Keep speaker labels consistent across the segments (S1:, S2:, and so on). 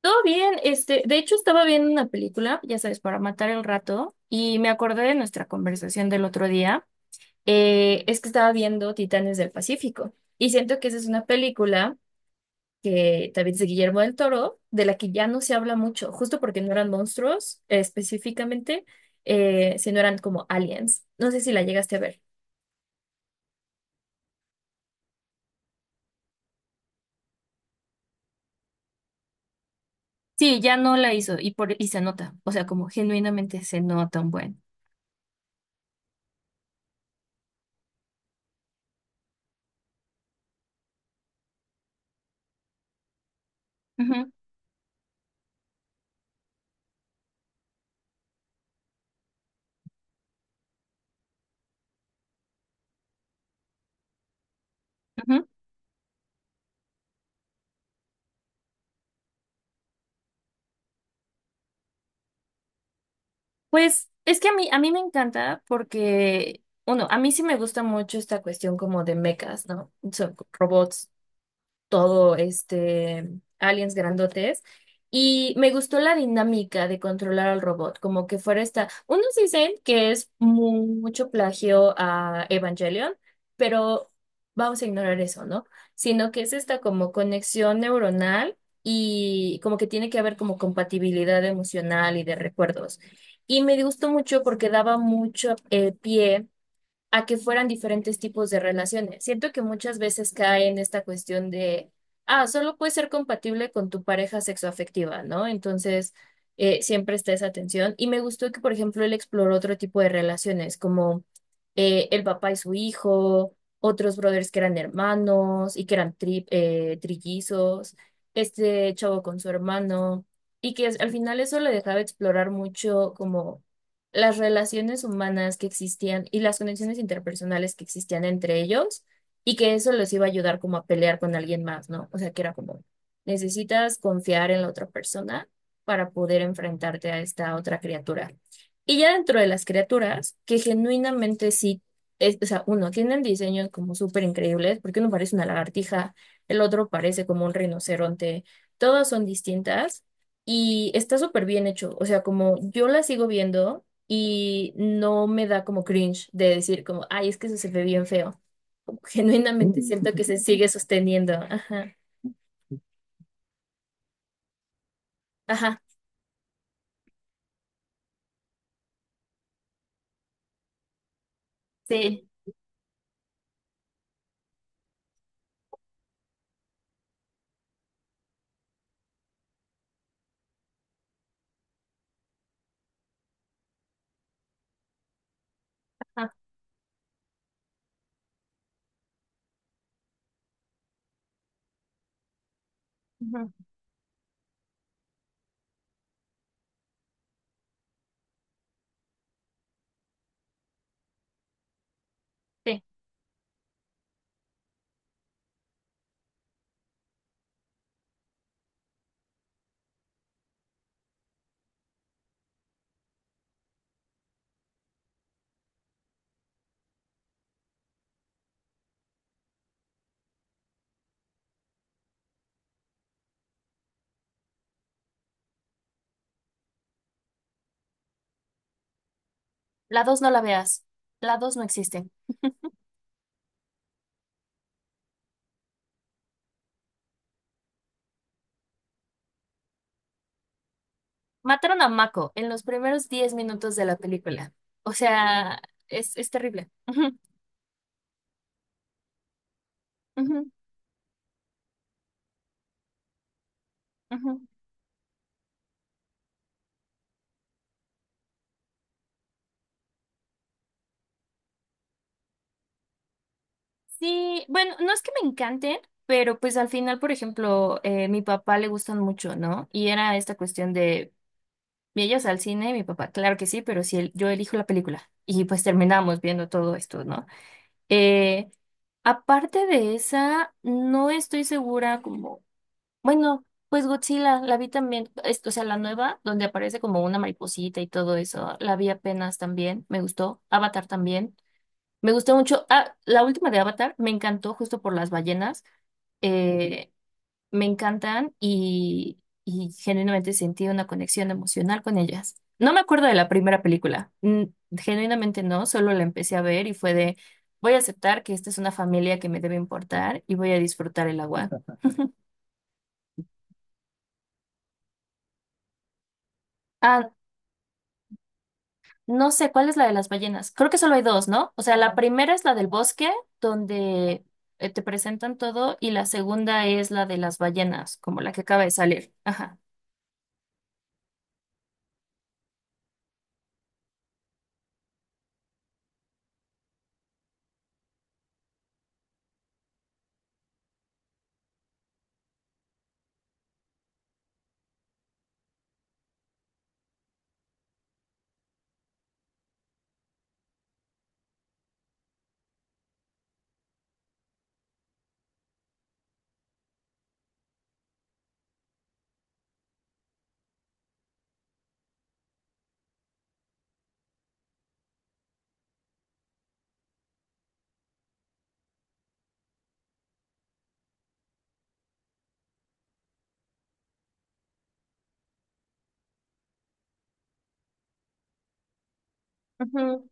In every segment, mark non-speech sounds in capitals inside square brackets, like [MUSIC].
S1: Todo bien, de hecho estaba viendo una película, ya sabes, para matar el rato, y me acordé de nuestra conversación del otro día. Es que estaba viendo Titanes del Pacífico, y siento que esa es una película que también es de Guillermo del Toro, de la que ya no se habla mucho, justo porque no eran monstruos, específicamente, sino eran como aliens. No sé si la llegaste a ver. Sí, ya no la hizo, y se nota, o sea, como genuinamente se nota un buen. Ujú, ujú. Pues es que a mí me encanta porque, uno, a mí sí me gusta mucho esta cuestión como de mechas, ¿no? Son robots, todo este, aliens grandotes. Y me gustó la dinámica de controlar al robot, como que fuera esta. Unos dicen que es mucho plagio a Evangelion, pero vamos a ignorar eso, ¿no? Sino que es esta como conexión neuronal y como que tiene que haber como compatibilidad emocional y de recuerdos. Y me gustó mucho porque daba mucho pie a que fueran diferentes tipos de relaciones. Siento que muchas veces cae en esta cuestión de, ah, solo puedes ser compatible con tu pareja sexoafectiva, ¿no? Entonces, siempre está esa tensión. Y me gustó que, por ejemplo, él exploró otro tipo de relaciones, como el papá y su hijo, otros brothers que eran hermanos y que eran trillizos, este chavo con su hermano, y que al final eso le dejaba explorar mucho como las relaciones humanas que existían y las conexiones interpersonales que existían entre ellos y que eso les iba a ayudar como a pelear con alguien más, ¿no? O sea, que era como, necesitas confiar en la otra persona para poder enfrentarte a esta otra criatura. Y ya dentro de las criaturas, que genuinamente sí, o sea, uno, tienen diseños como súper increíbles, porque uno parece una lagartija, el otro parece como un rinoceronte, todas son distintas. Y está súper bien hecho, o sea, como yo la sigo viendo y no me da como cringe de decir como, ay, es que eso se ve bien feo. Como que [LAUGHS] genuinamente siento que se sigue sosteniendo. Ajá, ajá, sí, ah, ujú, sí. La 2 no la veas. La 2 no existe. Mataron a Mako en los primeros 10 minutos de la película. O sea, es terrible. Ujú, ujú, ujú. Sí, bueno, no es que me encanten, pero pues al final, por ejemplo, mi papá le gustan mucho, ¿no? Y era esta cuestión de. Y ellos al cine y mi papá, claro que sí, pero si el- yo elijo la película. Y pues terminamos viendo todo esto, ¿no? Eh, aparte de esa, no estoy segura como, bueno, pues Godzilla, la vi también, o sea, la nueva, donde aparece como una mariposita y todo eso, la vi apenas también, me gustó. Avatar también, me gustó mucho. Ah, la última de Avatar me encantó justo por las ballenas me encantan y genuinamente sentí una conexión emocional con ellas. No me acuerdo de la primera película, genuinamente no, solo la empecé a ver y fue de, voy a aceptar que esta es una familia que me debe importar y voy a disfrutar el agua. Ah, no sé, ¿cuál es la de las ballenas? Creo que solo hay dos, ¿no? O sea, la primera es la del bosque, donde te presentan todo, y la segunda es la de las ballenas, como la que acaba de salir. Ajá. Ujú,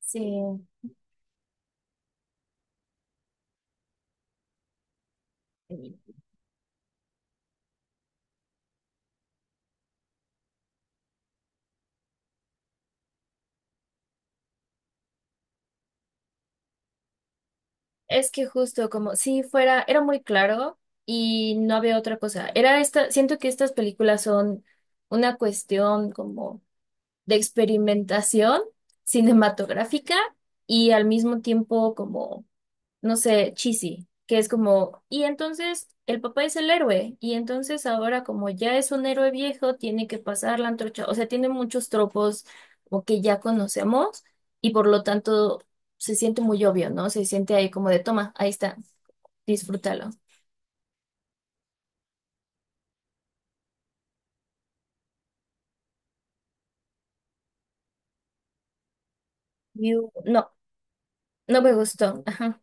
S1: sí. Es que justo como si fuera, era muy claro y no había otra cosa. Era esta, siento que estas películas son una cuestión como de experimentación cinematográfica y al mismo tiempo como no sé, cheesy, que es como, y entonces el papá es el héroe, y entonces ahora como ya es un héroe viejo, tiene que pasar la antorcha, o sea, tiene muchos tropos o que ya conocemos, y por lo tanto se siente muy obvio, ¿no? Se siente ahí como de, toma, ahí está, disfrútalo. No, no me gustó. Ajá.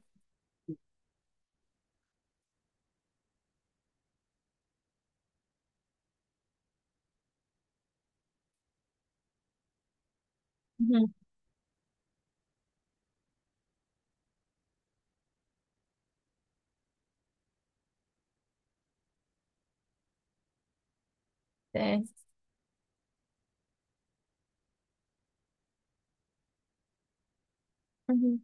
S1: Ujú. Sí. Ujú.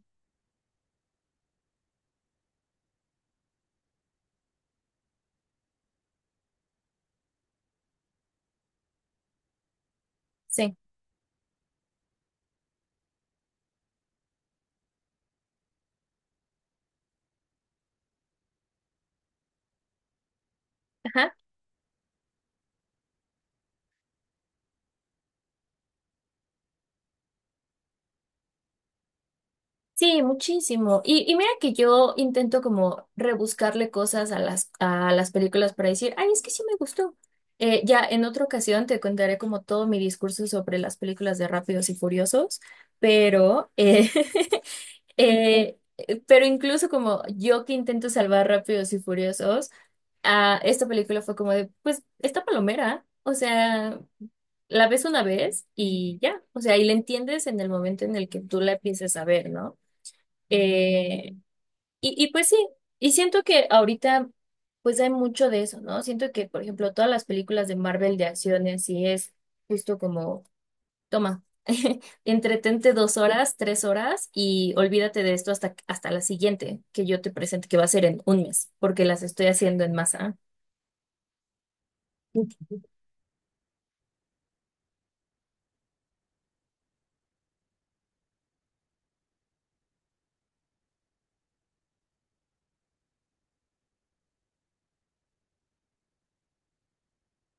S1: Sí. Ajá. Sí, muchísimo. Y mira que yo intento como rebuscarle cosas a las películas para decir, ay, es que sí me gustó. Ya en otra ocasión te contaré como todo mi discurso sobre las películas de Rápidos y Furiosos, pero, [LAUGHS] eh, pero incluso como yo que intento salvar Rápidos y Furiosos, ah, esta película fue como de, pues, esta palomera, o sea, la ves una vez y ya, o sea, y la entiendes en el momento en el que tú la empiezas a ver, ¿no? Eh, y pues sí, y siento que ahorita pues hay mucho de eso, ¿no? Siento que, por ejemplo, todas las películas de Marvel de acciones sí es justo como, toma, [LAUGHS] entretente 2 horas, 3 horas y olvídate de esto hasta la siguiente que yo te presente, que va a ser en un mes, porque las estoy haciendo en masa.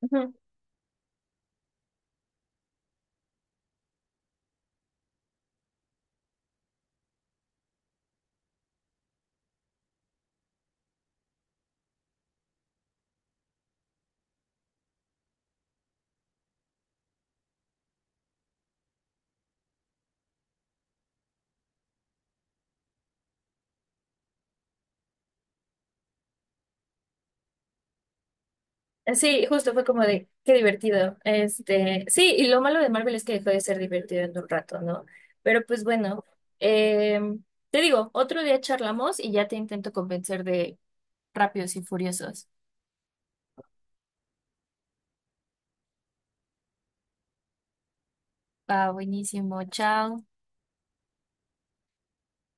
S1: Ujú. Sí, justo fue como de, qué divertido. Este, sí, y lo malo de Marvel es que dejó de ser divertido en un rato, ¿no? Pero pues bueno, eh, te digo, otro día charlamos y ya te intento convencer de Rápidos y Furiosos. Va, buenísimo, chao.